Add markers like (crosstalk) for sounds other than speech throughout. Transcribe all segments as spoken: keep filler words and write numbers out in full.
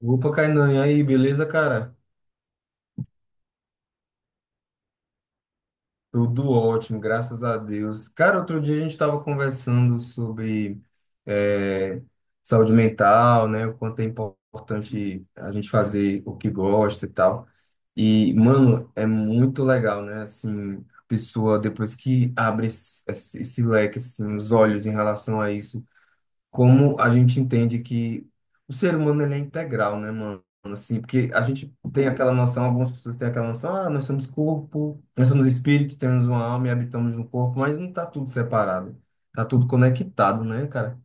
Opa, Kainan, e aí, beleza, cara? Tudo ótimo, graças a Deus. Cara, outro dia a gente estava conversando sobre eh, saúde mental, né? O quanto é importante a gente fazer o que gosta e tal. E, mano, é muito legal, né? Assim, a pessoa, depois que abre esse, esse leque, assim, os olhos em relação a isso, como a gente entende que o ser humano ele é integral, né, mano? Assim, porque a gente tem aquela noção, algumas pessoas têm aquela noção, ah, nós somos corpo, nós somos espírito, temos uma alma e habitamos no corpo, mas não tá tudo separado, tá tudo conectado, né, cara?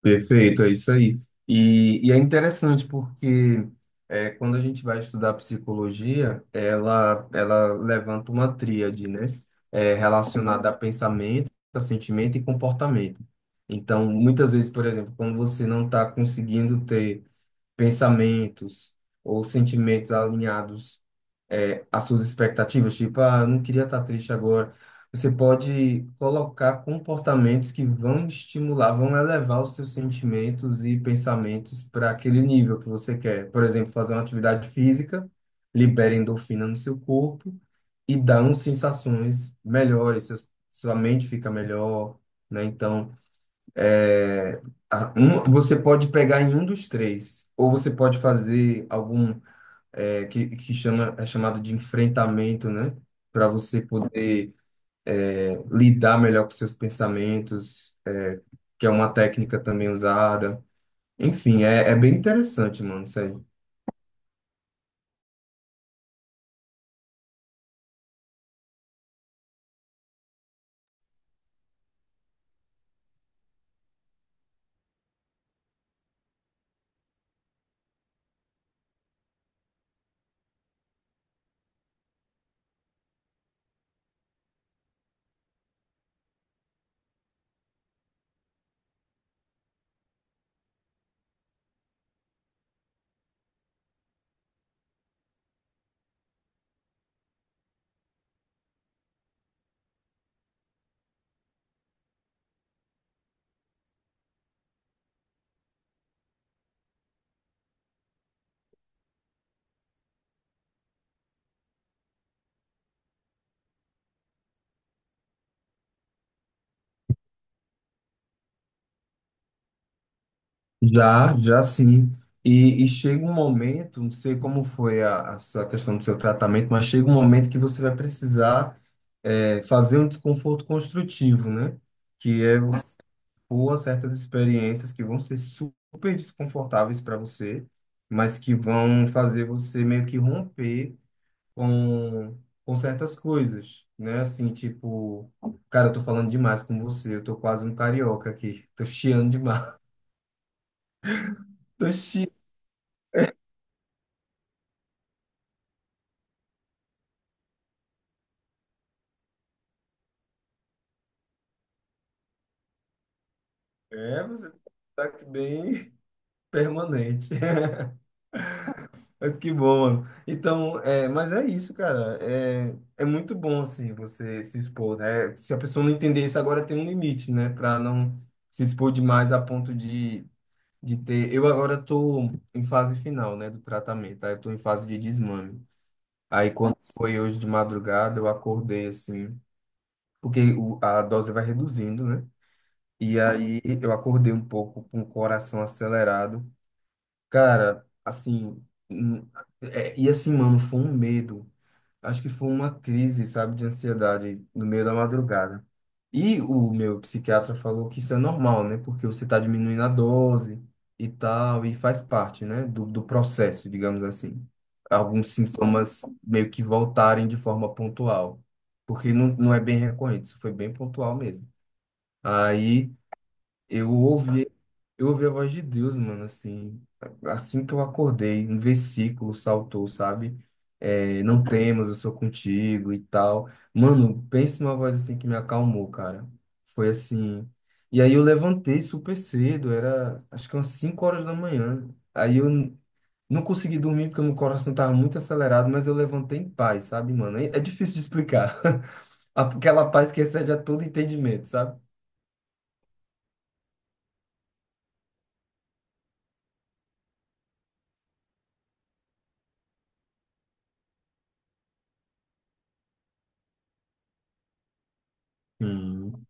Perfeito, é isso aí. E, e é interessante porque é, quando a gente vai estudar psicologia, ela, ela levanta uma tríade, né? É, relacionada a pensamento, a sentimento e comportamento. Então, muitas vezes, por exemplo, quando você não está conseguindo ter pensamentos ou sentimentos alinhados é, as suas expectativas, tipo, ah, eu não queria estar triste agora. Você pode colocar comportamentos que vão estimular, vão elevar os seus sentimentos e pensamentos para aquele nível que você quer. Por exemplo, fazer uma atividade física, libera endorfina no seu corpo e dá uns sensações melhores, seus, sua mente fica melhor, né? Então, é, a- um, você pode pegar em um dos três, ou você pode fazer algum é, que, que chama, é chamado de enfrentamento, né? Para você poder é, lidar melhor com seus pensamentos, que é uma técnica também usada. Enfim, é, é bem interessante, mano, sério. Já, já sim. E, e chega um momento, não sei como foi a, a sua questão do seu tratamento, mas chega um momento que você vai precisar é, fazer um desconforto construtivo, né? Que é por certas experiências que vão ser super desconfortáveis para você, mas que vão fazer você meio que romper com, com certas coisas, né? Assim, tipo, cara, eu tô falando demais com você, eu tô quase um carioca aqui, (laughs) tô chiando demais. (laughs) Tô chiando. É, você tá aqui bem permanente. (laughs) Mas que bom, mano. Então, é, mas é isso, cara. É, é muito bom, assim, você se expor, né? Se a pessoa não entender isso agora, tem um limite, né? Pra não se expor demais a ponto de, de ter. Eu agora tô em fase final, né, do tratamento. Aí eu tô em fase de desmame. Aí quando foi hoje de madrugada, eu acordei, assim, porque o, a dose vai reduzindo, né? E aí eu acordei um pouco com o coração acelerado. Cara, assim. hum, é, e assim, mano, foi um medo. Acho que foi uma crise, sabe, de ansiedade no meio da madrugada. E o meu psiquiatra falou que isso é normal, né? Porque você está diminuindo a dose e tal, e faz parte, né, do, do processo, digamos assim. Alguns sintomas meio que voltarem de forma pontual, porque não, não é bem recorrente, isso foi bem pontual mesmo. Aí eu ouvi eu ouvi a voz de Deus, mano, assim, assim que eu acordei, um versículo saltou, sabe? É, não temas, eu sou contigo e tal. Mano, pensa numa voz assim que me acalmou, cara. Foi assim. E aí eu levantei super cedo, era acho que umas cinco horas da manhã. Aí eu n- não consegui dormir porque meu coração tava muito acelerado, mas eu levantei em paz, sabe, mano? É é difícil de explicar. (laughs) Aquela paz que excede a todo entendimento, sabe? Hum.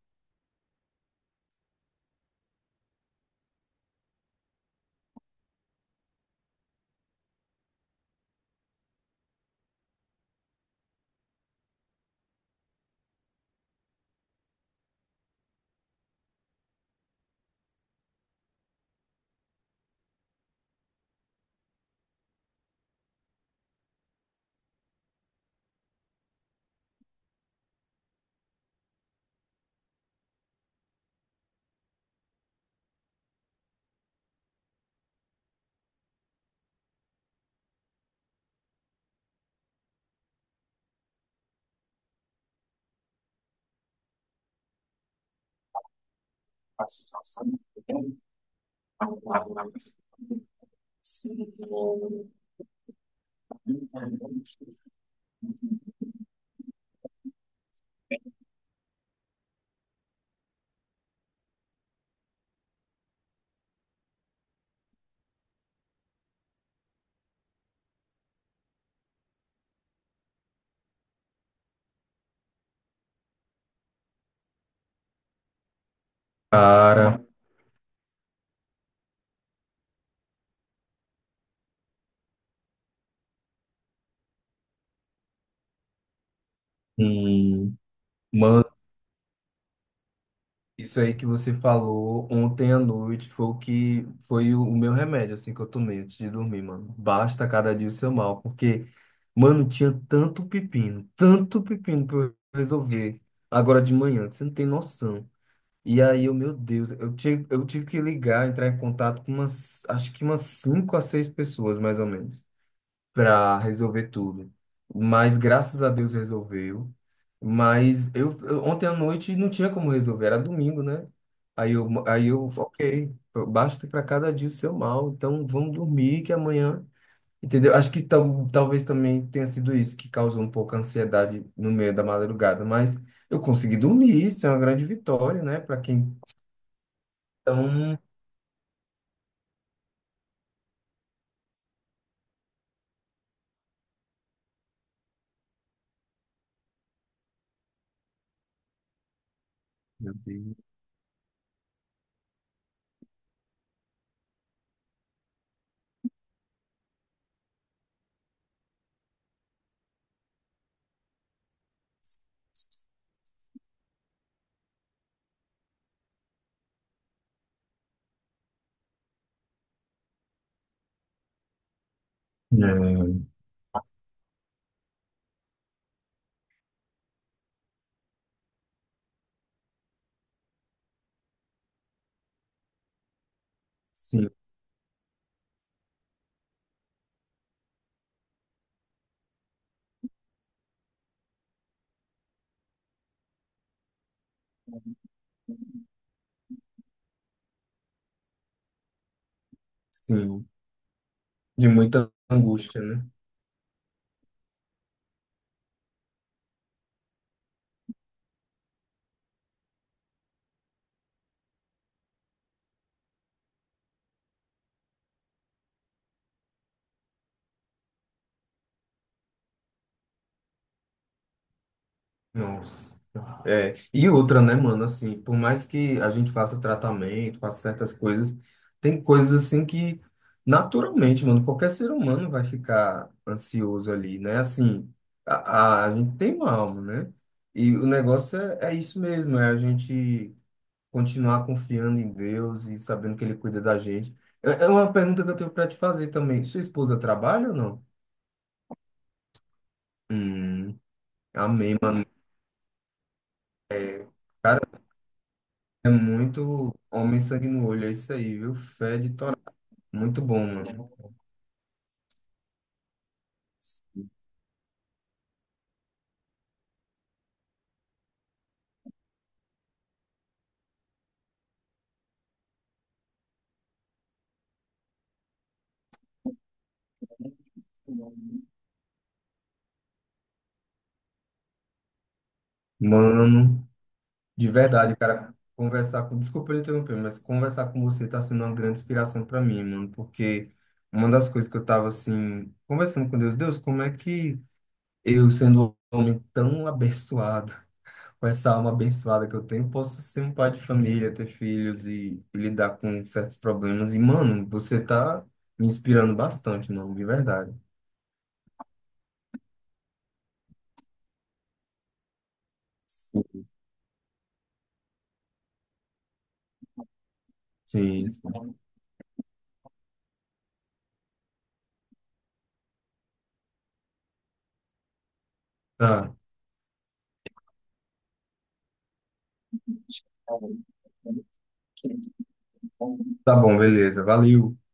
Cara, hum, isso aí que você falou ontem à noite foi o que foi o o meu remédio, assim, que eu tomei antes de dormir, mano. Basta cada dia o seu mal, porque, mano, tinha tanto pepino, tanto pepino pra eu resolver agora de manhã, que você não tem noção. E aí, eu, meu Deus, eu tive, eu tive que ligar, entrar em contato com umas, acho que umas cinco a seis pessoas, mais ou menos para resolver tudo. Mas graças a Deus resolveu. Mas eu, eu- ontem à noite não tinha como resolver, era domingo, né? Aí eu, aí eu, ok, basta para cada dia o seu mal, então vamos dormir que amanhã, entendeu? Acho que tam, talvez também tenha sido isso que causou um pouco a ansiedade no meio da madrugada, mas eu consegui dormir, isso é uma grande vitória, né? Para quem tão, Meu Deus. É, sim, sim, de muita angústia, né? Nossa. É, e outra, né, mano, assim, por mais que a gente faça tratamento, faça certas coisas, tem coisas assim que naturalmente, mano, qualquer ser humano vai ficar ansioso ali, né? Assim, a, a, a gente tem uma alma, né? E o negócio é, é isso mesmo, é a gente continuar confiando em Deus e sabendo que Ele cuida da gente. É é uma pergunta que eu tenho pra te fazer também. Sua esposa trabalha ou não? Hum, amém, mano. É muito homem sangue no olho, é isso aí, viu? Fé de torá. Muito bom, mano. Mano, de verdade, cara, conversar com. Desculpa eu interromper, mas conversar com você tá sendo uma grande inspiração para mim, mano, porque uma das coisas que eu tava assim, conversando com Deus, Deus, como é que eu, sendo um homem tão abençoado, (laughs) com essa alma abençoada que eu tenho, posso ser um pai de família, ter filhos e, e lidar com certos problemas? E, mano, você tá me inspirando bastante, mano, de verdade. Sim, sim. Tá, tá bom, beleza. Valeu.